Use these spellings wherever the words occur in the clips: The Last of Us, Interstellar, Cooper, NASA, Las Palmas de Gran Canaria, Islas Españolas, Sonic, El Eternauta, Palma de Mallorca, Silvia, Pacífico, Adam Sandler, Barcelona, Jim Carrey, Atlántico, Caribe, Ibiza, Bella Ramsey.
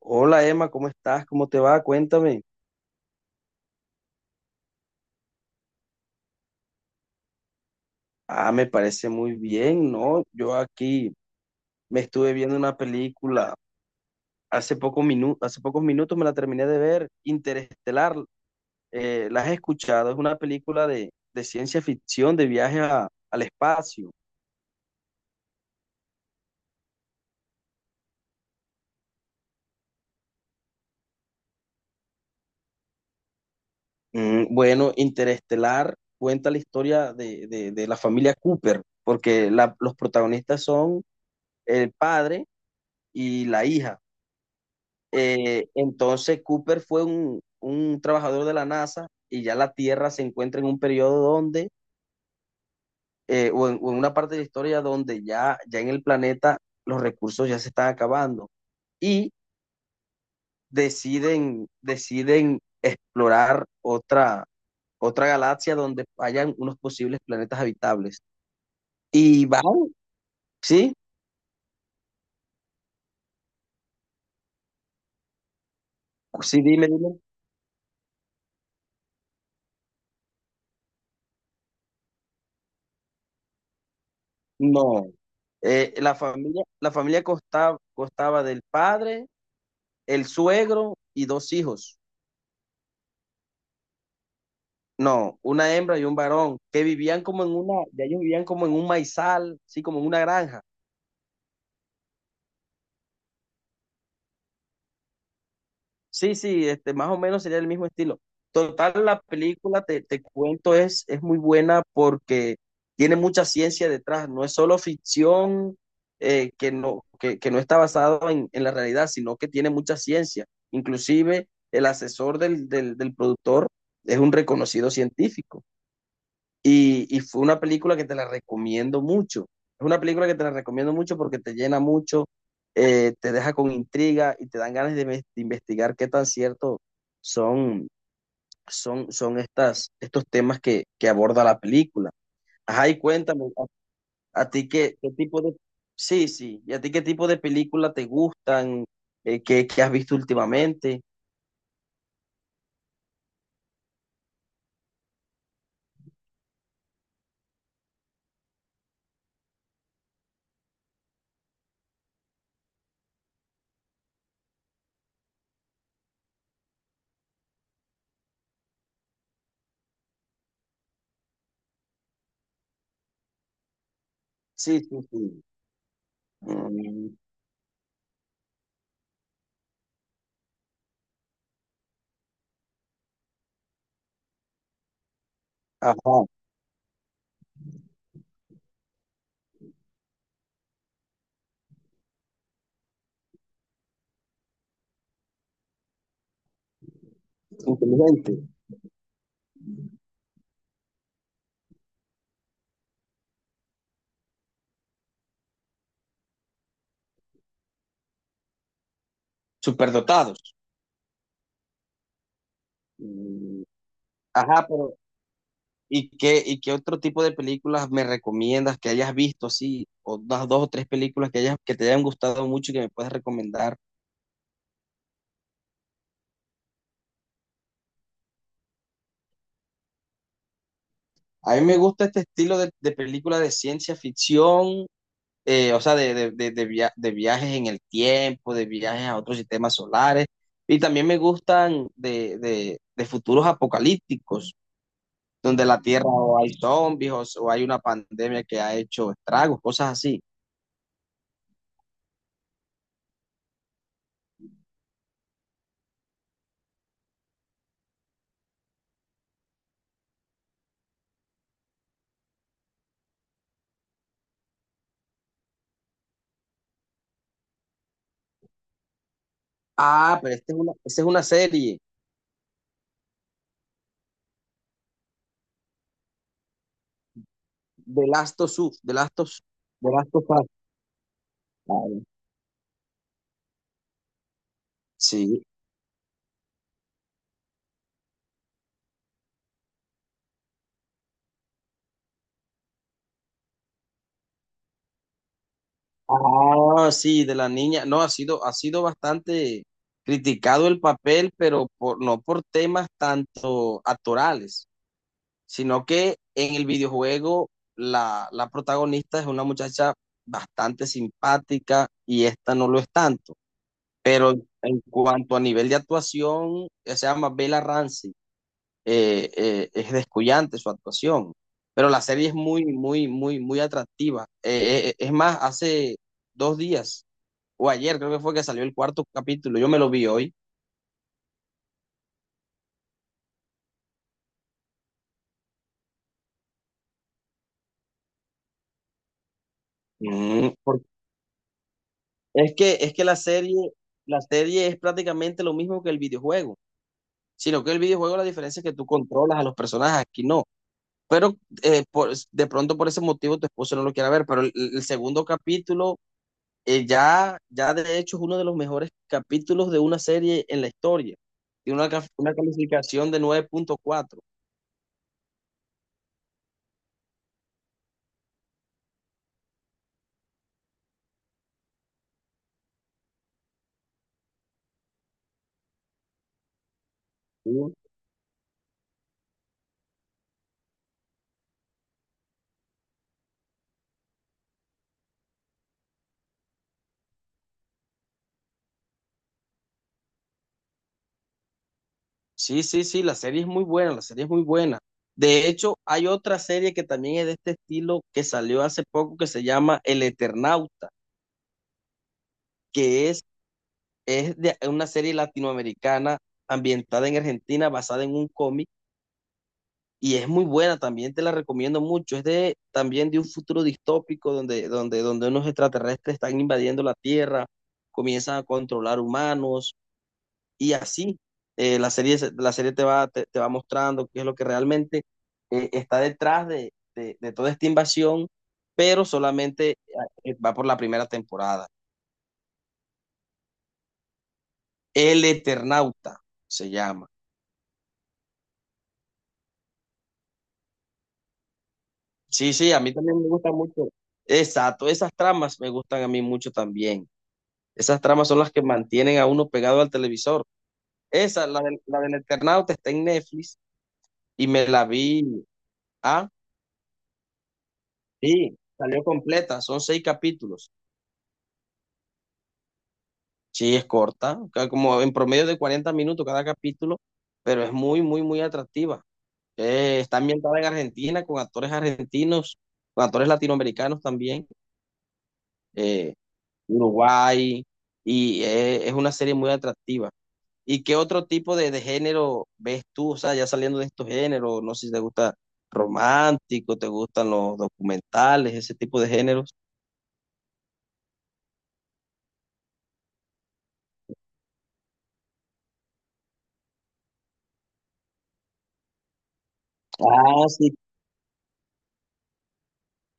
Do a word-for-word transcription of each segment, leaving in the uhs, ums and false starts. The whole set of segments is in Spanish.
Hola Emma, ¿cómo estás? ¿Cómo te va? Cuéntame. Ah, me parece muy bien, ¿no? Yo aquí me estuve viendo una película hace poco minu- hace pocos minutos me la terminé de ver, Interestelar. Eh, ¿la has escuchado? Es una película de, de ciencia ficción, de viaje a- al espacio. Mm, bueno, Interestelar cuenta la historia de, de- de la familia Cooper, porque la- los protagonistas son el padre y la hija. Eh, entonces Cooper fue un, un trabajador de la NASA y ya la Tierra se encuentra en un periodo donde, eh, o, en, o en una parte de la historia donde ya, ya en el planeta los recursos ya se están acabando y deciden, deciden explorar otra, otra galaxia donde hayan unos posibles planetas habitables. Y van, ¿sí? Sí, dime, dime. No. Eh, la familia, la familia consta- constaba del padre, el suegro y dos hijos. No, una hembra y un varón, que vivían como en una, ya ellos vivían como en un maizal, sí, como en una granja. Sí, sí, este, más o menos sería el mismo estilo. Total, la película, te, te cuento, es, es muy buena porque tiene mucha ciencia detrás, no es solo ficción eh, que, no, que, que no está basado en, en, la realidad, sino que tiene mucha ciencia. Inclusive el asesor del, del, del productor es un reconocido científico. Y, y fue una película que te la recomiendo mucho. Es una película que te la recomiendo mucho porque te llena mucho, eh, te deja con intriga y te dan ganas de, inves- de investigar qué tan cierto son, son, son estas, estos temas que, que aborda la película. Ajá, y cuéntame, a, a ti qué, qué tipo de... Sí, sí, ¿y a ti qué tipo de película te gustan? Eh, ¿qué, ¿qué has visto últimamente? Sí, sí, sí. Mm, ajá, inteligente. Superdotados. Mm, ajá, pero ¿y qué, y qué otro tipo de películas me recomiendas que hayas visto así? O unas dos o tres películas que hayas, que te hayan gustado mucho y que me puedes recomendar. A mí me gusta este estilo de, de película de ciencia ficción, eh, o sea, de, de, de, de via- de viajes en el tiempo, de viajes a otros sistemas solares. Y también me gustan de, de, de futuros apocalípticos, donde la Tierra o hay zombies o, o hay una pandemia que ha hecho estragos, cosas así. Ah, pero esta es una, esta es una serie. The Last of Us, The Last of Us, The Last of Us. Ah, sí. Ah, sí, de la niña. No, ha sido, ha sido bastante criticado el papel, pero por, no por temas tanto actorales, sino que en el videojuego la, la protagonista es una muchacha bastante simpática y esta no lo es tanto. Pero en cuanto a nivel de actuación, se llama Bella Ramsey. eh, eh, es descuyante su actuación, pero la serie es muy, muy, muy, muy atractiva. Eh, eh, eh, es más, hace dos días o ayer creo que fue que salió el cuarto capítulo, yo me lo vi hoy. Mm, porque es que, es que la serie, la serie es prácticamente lo mismo que el videojuego, sino que el videojuego la diferencia es que tú controlas a los personajes, aquí no. Pero eh, por- de pronto por ese motivo tu esposo no lo quiere ver, pero el, el segundo capítulo eh, ya, ya de hecho es uno de los mejores capítulos de una serie en la historia. Tiene una, ca- una calificación de nueve punto cuatro. Uh, sí, sí, sí, la serie es muy buena, la serie es muy buena. De hecho, hay otra serie que también es de este estilo que salió hace poco que se llama El Eternauta, que es, es de una serie latinoamericana ambientada en Argentina, basada en un cómic y es muy buena, también te la recomiendo mucho. Es de también de un futuro distópico donde, donde, donde unos extraterrestres están invadiendo la Tierra, comienzan a controlar humanos y así. Eh, la serie, se- la serie te va, te, te va mostrando qué es lo que realmente eh, está detrás de, de, de, toda esta invasión, pero solamente eh, va por la primera temporada. El Eternauta se llama. Sí, sí, a mí también me gusta mucho. Exacto, esas tramas me gustan a mí mucho también. Esas tramas son las que mantienen a uno pegado al televisor. Esa, la del, la del Eternauta, está en Netflix y me la vi. Ah, sí, salió completa, son seis capítulos. Sí, es corta, ca- como en promedio de cuarenta minutos cada capítulo, pero es muy, muy, muy atractiva. Eh, está ambientada en Argentina con actores argentinos, con actores latinoamericanos también, eh, Uruguay, y eh, es una serie muy atractiva. ¿Y qué otro tipo de, de género ves tú? O sea, ya saliendo de estos géneros, no sé si te gusta romántico, te gustan los documentales, ese tipo de géneros. Ah, sí.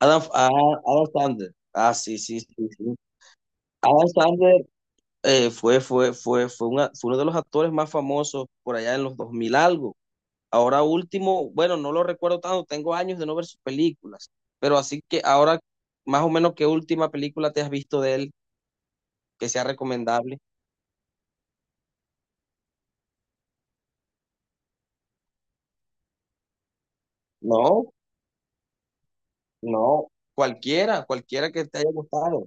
Adam, ah, Adam Sandler. Ah, sí, sí, sí, sí. Adam Sandler eh, fue, fue, fue, fue, una- fue uno de los actores más famosos por allá en los dos mil algo. Ahora último, bueno, no lo recuerdo tanto, tengo años de no ver sus películas, pero así que ahora, más o menos, ¿qué última película te has visto de él que sea recomendable? No, no, cualquiera, cualquiera que te haya gustado.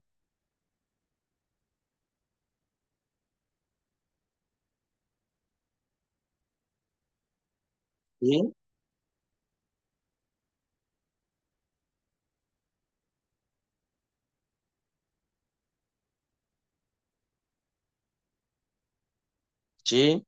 Sí, sí.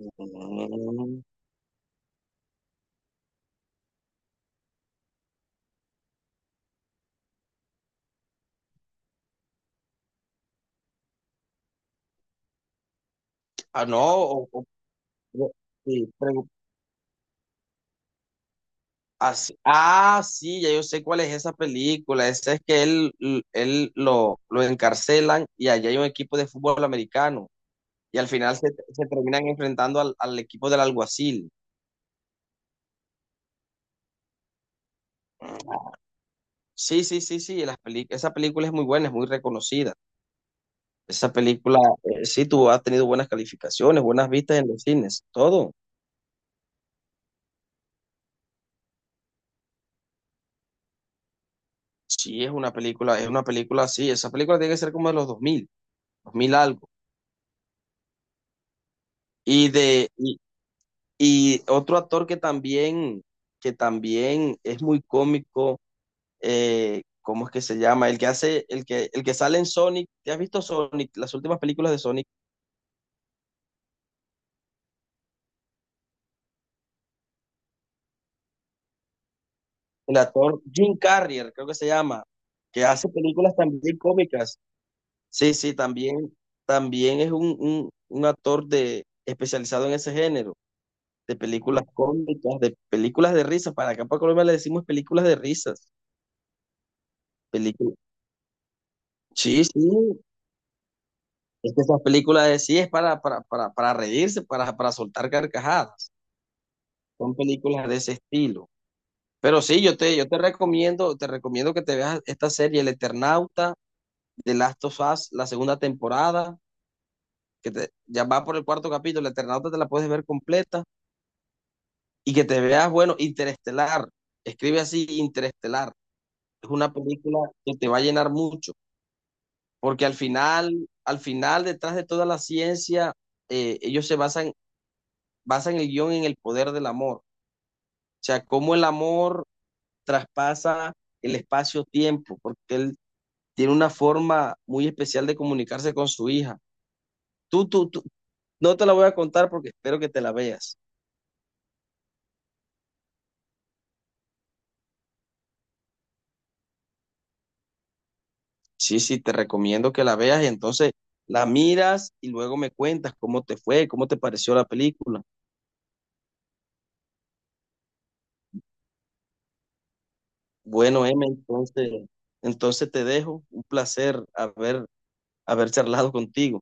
Mm, ah, no, o- o- o- sí, pregu- así- ah, sí, ya yo sé cuál es esa película. Esa es que él, l- él lo, lo encarcelan y allá hay un equipo de fútbol americano. Y al final se, se terminan enfrentando al, al equipo del alguacil. Sí, sí, sí, sí. las peli- esa película es muy buena, es muy reconocida. Esa película, eh, sí, tú has tenido buenas calificaciones, buenas vistas en los cines, todo. Sí, es una película, es una película así. Esa película tiene que ser como de los dos mil, dos mil algo. Y de y, y otro actor que también que también es muy cómico, eh, ¿cómo es que se llama? El que hace el que el que sale en Sonic. ¿Te has visto Sonic? Las últimas películas de Sonic. El actor Jim Carrey, creo que se llama, que hace películas también cómicas. Sí, sí, también también es un, un, un actor de especializado en ese género. De películas cómicas, de películas de risas. Para acá para Colombia le decimos películas de risas. Películas. Sí, sí. Es que esas películas de sí es para, para, para, para reírse, para, para soltar carcajadas. Son películas de ese estilo. Pero sí, yo te, yo te recomiendo, te recomiendo que te veas esta serie, El Eternauta, de Last of Us, la segunda temporada, que te, ya va por el cuarto capítulo, El Eternauta te la puedes ver completa, y que te veas, bueno, Interestelar, escribe así, Interestelar, es una película que te va a llenar mucho. Porque al final, al final, detrás de toda la ciencia, eh, ellos se basan, basan el guión en el poder del amor. O sea, cómo el amor traspasa el espacio-tiempo, porque él tiene una forma muy especial de comunicarse con su hija. Tú, tú, tú no te la voy a contar porque espero que te la veas. Sí, sí, te recomiendo que la veas y entonces la miras y luego me cuentas cómo te fue, cómo te pareció la película. Bueno, Emma, entonces, entonces te dejo. Un placer haber haber charlado contigo.